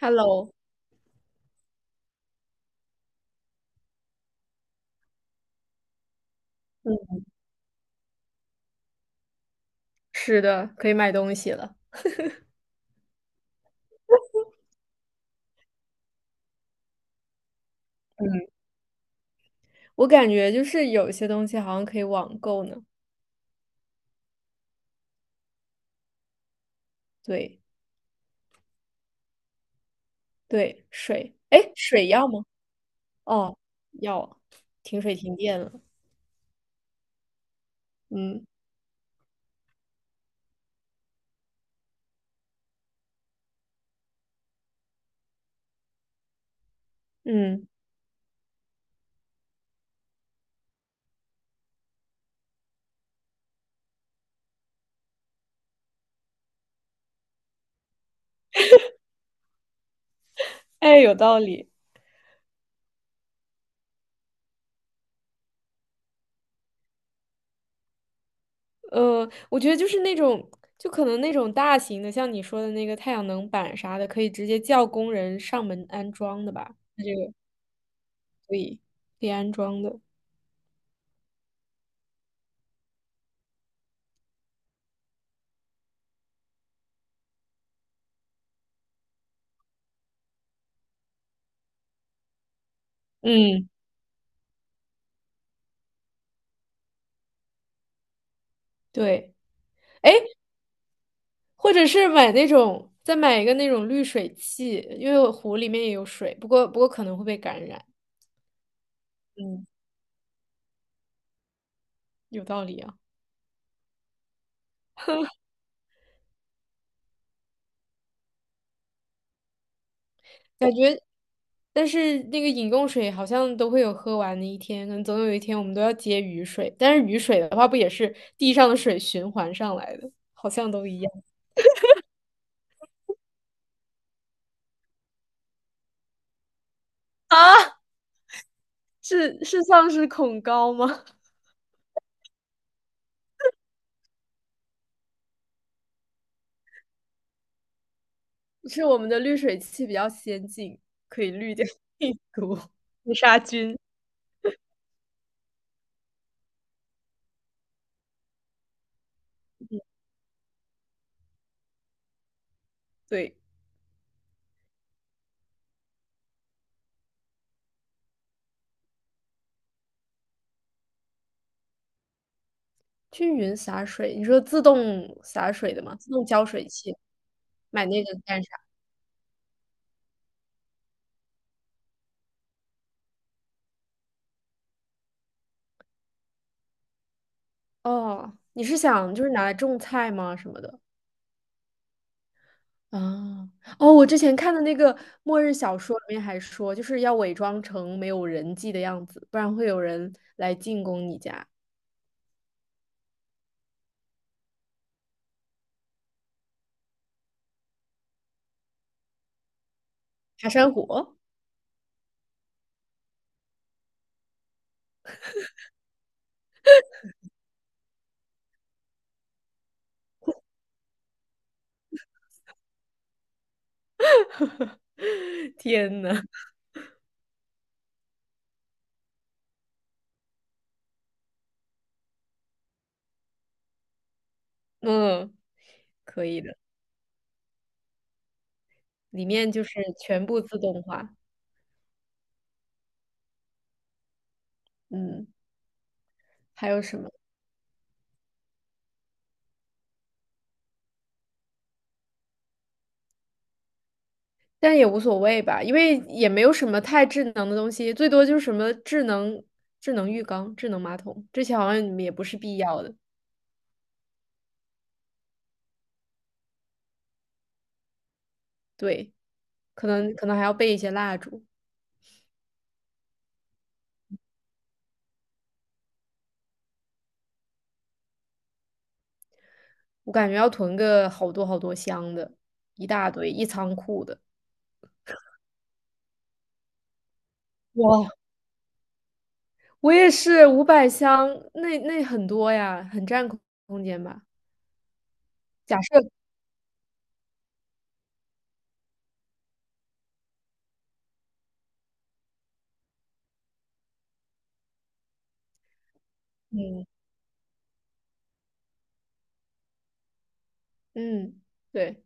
Hello,嗯，是的，可以买东西了。我感觉就是有些东西好像可以网购呢。对，对，水，哎，水要吗？哦，要啊。停水停电了。嗯嗯。哎，有道理。我觉得就是那种，就可能那种大型的，像你说的那个太阳能板啥的，可以直接叫工人上门安装的吧？它这个可以安装的。嗯，对。哎，或者是买那种，再买一个那种滤水器，因为我湖里面也有水，不过可能会被感染。嗯，有道理啊。感觉，但是那个饮用水好像都会有喝完的一天，可能总有一天我们都要接雨水，但是雨水的话不也是地上的水循环上来的，好像都一样。啊，是丧尸恐高吗？是我们的滤水器比较先进，可以滤掉病毒、杀菌。对。均匀洒水，你说自动洒水的吗？自动浇水器，买那个干啥？哦，你是想就是拿来种菜吗？什么的？啊，哦，我之前看的那个末日小说里面还说，就是要伪装成没有人迹的样子，不然会有人来进攻你家。爬山虎。天呐。嗯，里面就是全部自动化。嗯，还有什么？但也无所谓吧，因为也没有什么太智能的东西，最多就是什么智能智能浴缸、智能马桶，这些好像你们也不是必要的。对，可能可能还要备一些蜡烛。我感觉要囤个好多好多箱的，一大堆，一仓库的。哇，我也是五百箱，那那很多呀，很占空空间吧？假设，嗯。嗯，对，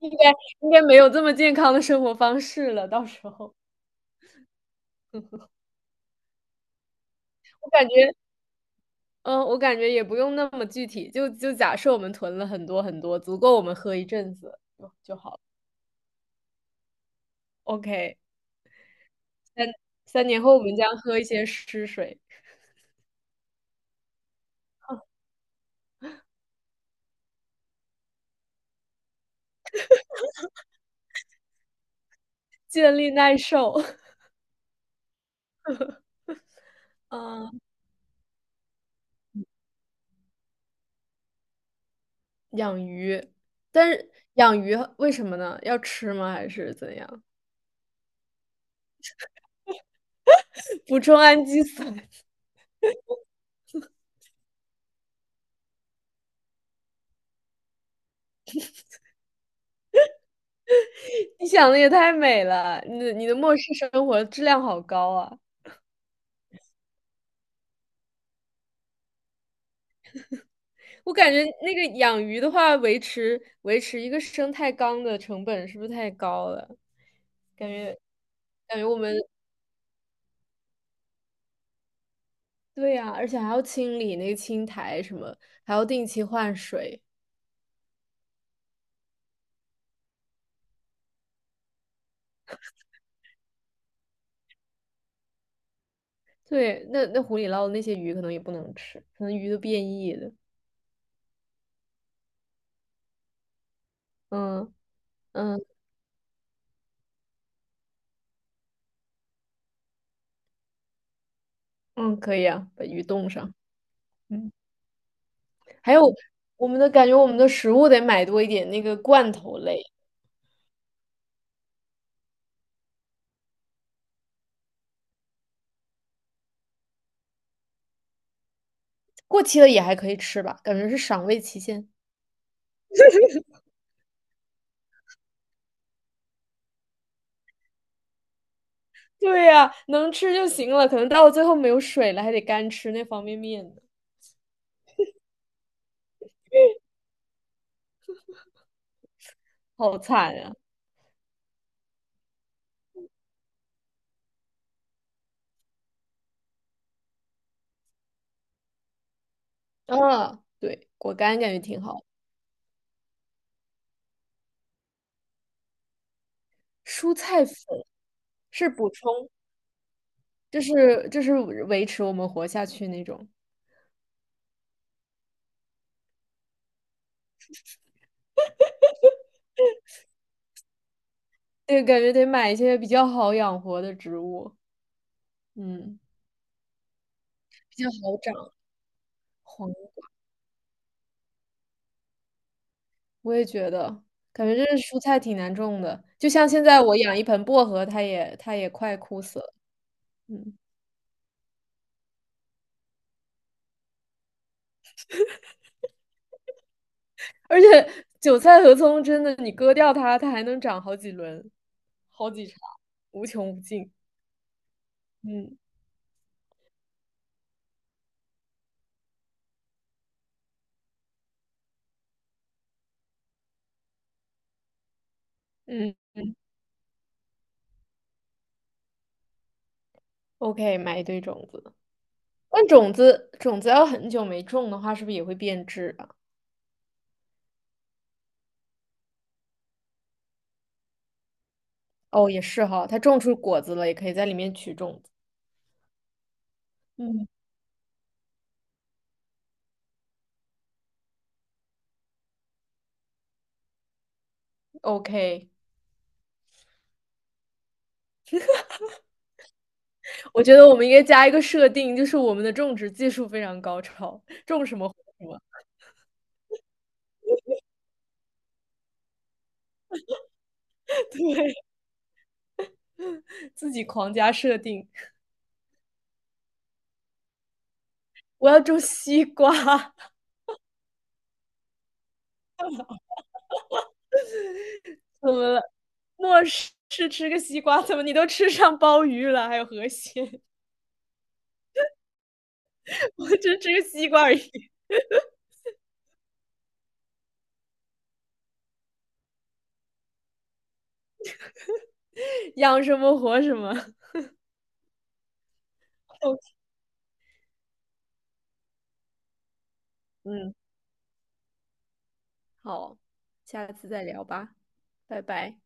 应该应该没有这么健康的生活方式了，到时候我感觉。嗯，我感觉也不用那么具体，就就假设我们囤了很多很多，足够我们喝一阵子就就好了。OK。三年后我们将喝一些湿水。建立耐受。嗯，养鱼，但是养鱼为什么呢？要吃吗？还是怎样？补充氨基酸。你想的也太美了，你的你的末世生活质量好高啊！我感觉那个养鱼的话，维持一个生态缸的成本是不是太高了？感觉。感觉我们对呀，而且还要清理那个青苔什么，还要定期换水。对，那那湖里捞的那些鱼可能也不能吃，可能鱼都变异了。嗯。嗯，嗯，可以啊，把鱼冻上。嗯，还有我们的感觉，我们的食物得买多一点，那个罐头类，过期了也还可以吃吧，感觉是赏味期限。对呀，能吃就行了，可能到最后没有水了，还得干吃那方便面呢。好惨呀！啊，嗯，对，果干感觉挺好。蔬菜粉。是补充。就是维持我们活下去那种。对，感觉得买一些比较好养活的植物，嗯，比较好长。黄，我也觉得，感觉这蔬菜挺难种的。就像现在我养一盆薄荷，它也快枯死了。嗯。而且韭菜和葱真的，你割掉它，它还能长好几轮，好几茬，无穷无尽。嗯。嗯，OK,买一堆种子。但种子要很久没种的话，是不是也会变质啊？哦，也是哈，它种出果子了，也可以在里面取种子。嗯，OK。我觉得我们应该加一个设定，就是我们的种植技术非常高超，种什么活什么。对，自己狂加设定。我要种西瓜。怎么了？末世吃个西瓜，怎么你都吃上鲍鱼了，还有河蟹。我只吃个西瓜而已。养什么活什么。嗯，好，下次再聊吧，拜拜。